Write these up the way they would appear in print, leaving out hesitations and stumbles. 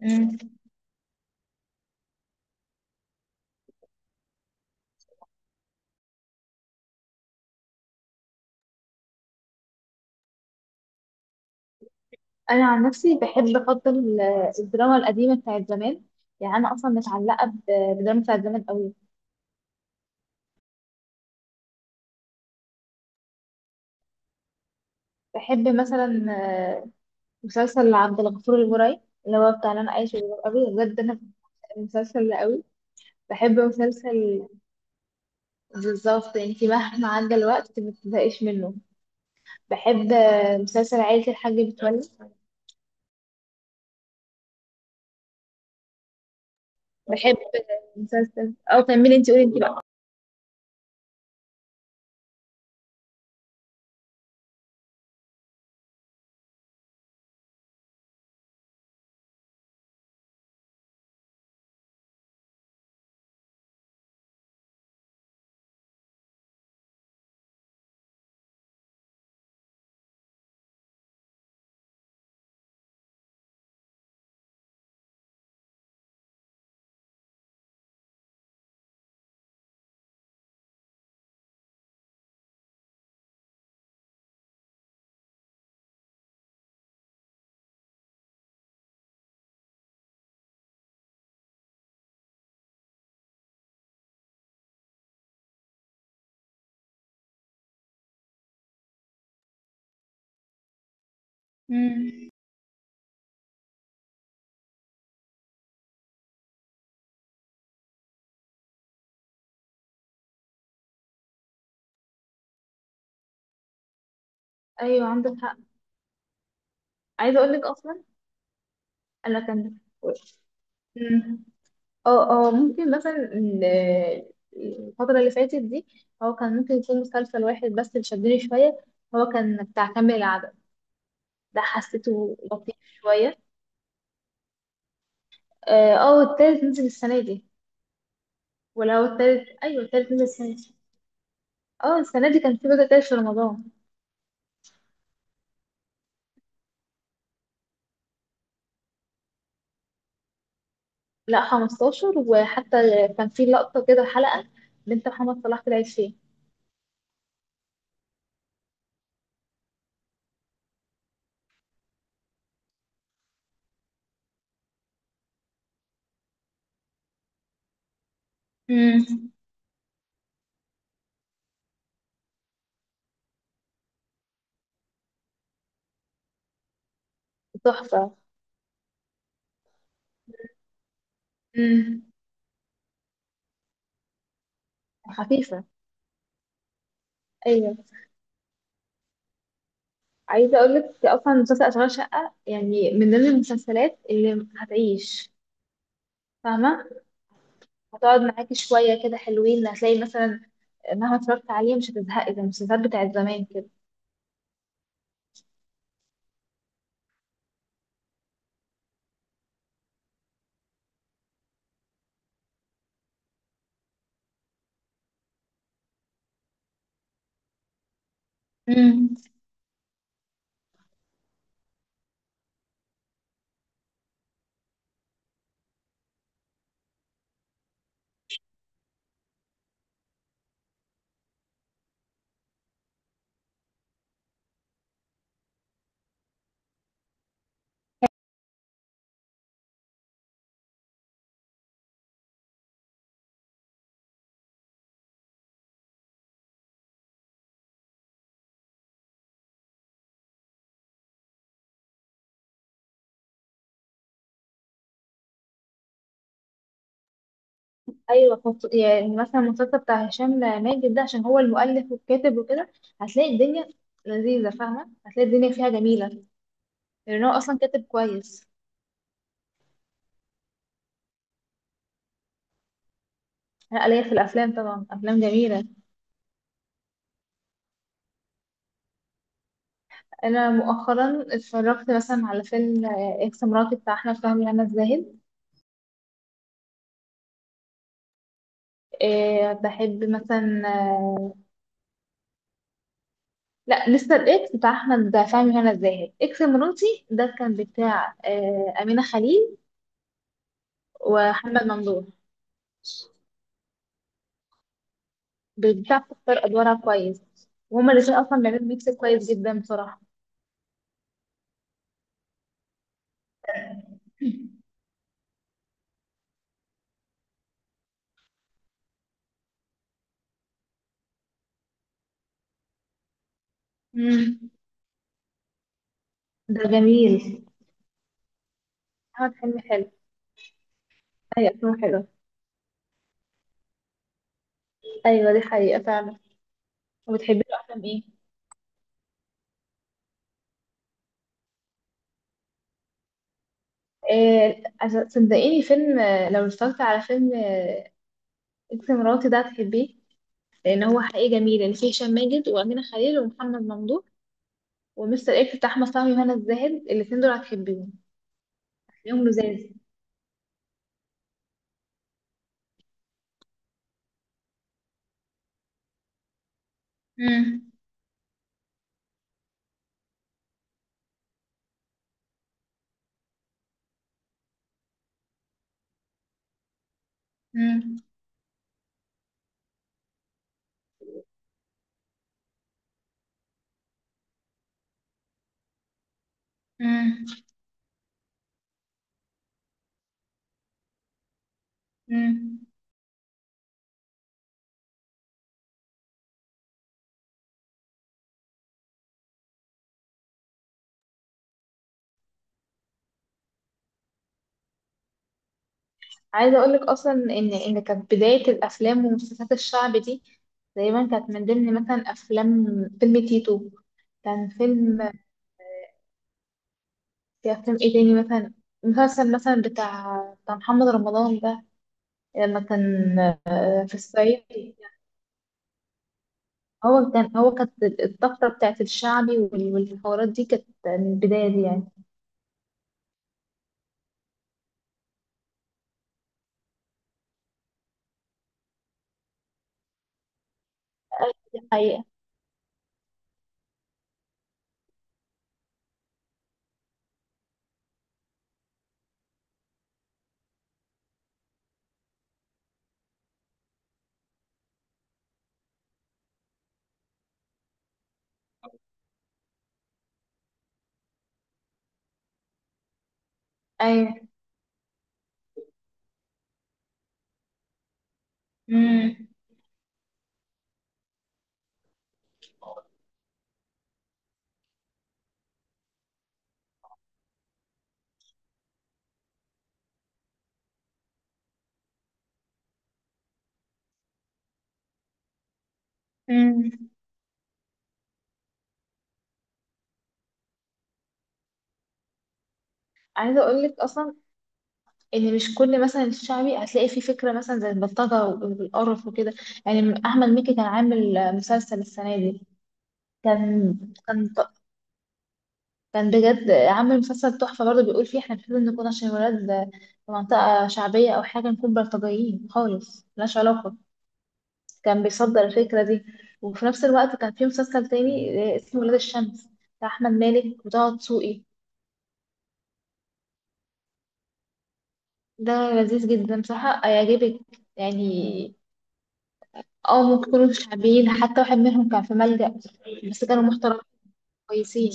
مم. انا عن نفسي بحب الدراما القديمه بتاعت زمان، يعني انا اصلا بالدراما بتاعت زمان قوي. بحب مثلا آه، مسلسل عبد الغفور البرعي اللي هو بتاع انا عايش في جلباب ابي. بجد انا المسلسل ده قوي. بحب مسلسل، بالظبط انت مهما عدى الوقت ما بتزهقيش منه. بحب مسلسل عائله الحاج متولي. بحب مسلسل او كملي انت، قولي انت بقى. مم. ايوه عندك حق. عايزه اقول لك اصلا انا كان. مم. اه ممكن مثلا الفترة اللي فاتت دي هو كان ممكن يكون مسلسل واحد بس اللي شدني شوية، هو كان بتاع كامل العدد، ده حسيته لطيف شوية. اه، التالت نزل السنة دي. ولا هو التالت، ايوه التالت نزل السنة دي. اه السنة دي كان في جزء تالت في رمضان. لا 15، وحتى كان في لقطة كده حلقة بنت محمد صلاح طلعت فيه. مم. تحفة. مم. خفيفة. ايوه. عايزه اقول لك اصلا مسلسل اشغال شقه يعني من ضمن المسلسلات اللي هتعيش. فاهمه، هتقعد معاكي شويه كده حلوين، هتلاقي مثلا مهما اتفرجت عليه مش هتزهقي زي المسلسلات بتاعت زمان كده. امم. ايوه. يعني مثلا المسلسل بتاع هشام ماجد ده، عشان هو المؤلف والكاتب وكده، هتلاقي الدنيا لذيذه. فاهمه، هتلاقي الدنيا فيها جميله، لان هو اصلا كاتب كويس. انا ليا في الافلام طبعا، افلام جميله. انا مؤخرا اتفرجت مثلا على فيلم اكس مراتي بتاع احمد فهمي هنا الزاهد. إيه، بحب مثلا لا، لسه الاكس بتاع احمد فهمي وهنا الزاهد، اكس مراتي ده كان بتاع امينه خليل ومحمد ممدوح. بتاع بتختار ادوارها كويس، وهما الاثنين اصلا بيعملوا ميكس كويس جدا بصراحه. مم. ده جميل. احمد حلمي حلو. ايوه افلامه حلو. ايوه دي حقيقه فعلا. وبتحبي له افلام ايه؟ إيه صدقيني، فيلم لو اتفرجت على فيلم اكس مراتي ده هتحبيه، لان هو حقيقي جميل اللي فيه هشام ماجد وامينه خليل ومحمد ممدوح ومستر اكس بتاع احمد فهمي وهنا الزاهد. الاثنين دول هتحبيهم، هتلاقيهم لذاذ. مم. مم. مم. مم. عايزه اقول لك اصلا ان كانت بدايه الافلام ومسلسلات الشعب دي تقريبا كانت من ضمن مثلا افلام، فيلم تيتو، كان فيلم. في افلام ايه تاني مثلا؟ مسلسل مثلا بتاع محمد رمضان ده، لما كان في الصعيد. هو كانت الطفرة بتاعت الشعبي والحوارات دي كانت من البداية دي يعني. أيوة، دي حقيقة. أيوة. أمم. أمم. عايزة أقول لك أصلا إن مش كل مثلا الشعبي هتلاقي فيه فكرة مثلا زي البلطجة والقرف وكده، يعني أحمد مكي كان عامل مسلسل السنة دي، كان كان ط- كان بجد عامل مسلسل تحفة برضه، بيقول فيه إحنا المفروض نكون، عشان ولاد في منطقة شعبية أو حاجة، نكون بلطجيين خالص، ملهاش علاقة. كان بيصدر الفكرة دي. وفي نفس الوقت كان في مسلسل تاني اسمه ولاد الشمس، بتاع أحمد مالك وطه دسوقي. ده لذيذ جدا بصراحة هيعجبك يعني. اه، ممكن يكونوا شعبيين، حتى واحد منهم كان في ملجأ، بس كانوا محترمين كويسين.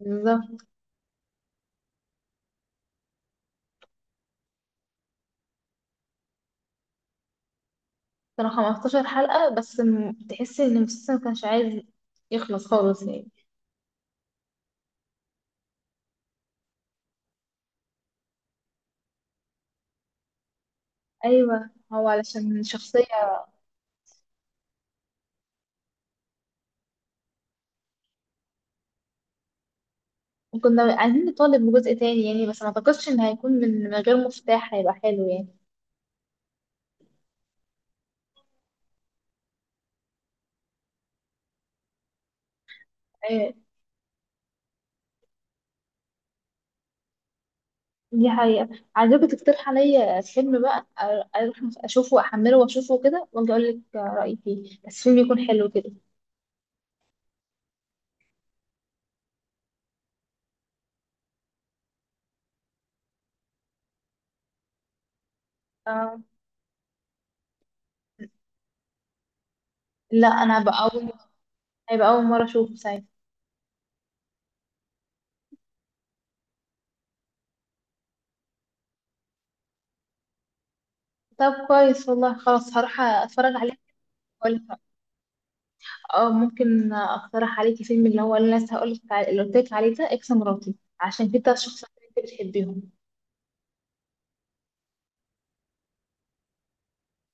بالظبط. كانوا 15 حلقة بس، تحسي ان المسلسل ما كانش عايز يخلص خالص يعني. ايوه هو علشان شخصية. كنا عايزين نطالب بجزء تاني يعني، بس ما اعتقدش ان هيكون من غير مفتاح هيبقى حلو يعني. آه، دي حقيقة. عايزاكي تقترح عليا فيلم بقى، اروح اشوفه واحمله واشوفه وكده، واجي اقول لك رأيي فيه، بس فيلم يكون حلو كده. اه، لا انا بقى اول، هيبقى اول مرة اشوفه ساعتها. طب كويس والله، خلاص هروح اتفرج عليه واقول لك رأيي. اه، ممكن اقترح عليكي فيلم، اللي هو اللي أنا لسه هقول لك اللي قلت لك عليه ده، اكس مراتي، عشان كده الشخصيات اللي انت بتحبيهم.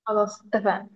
خلاص اتفقنا.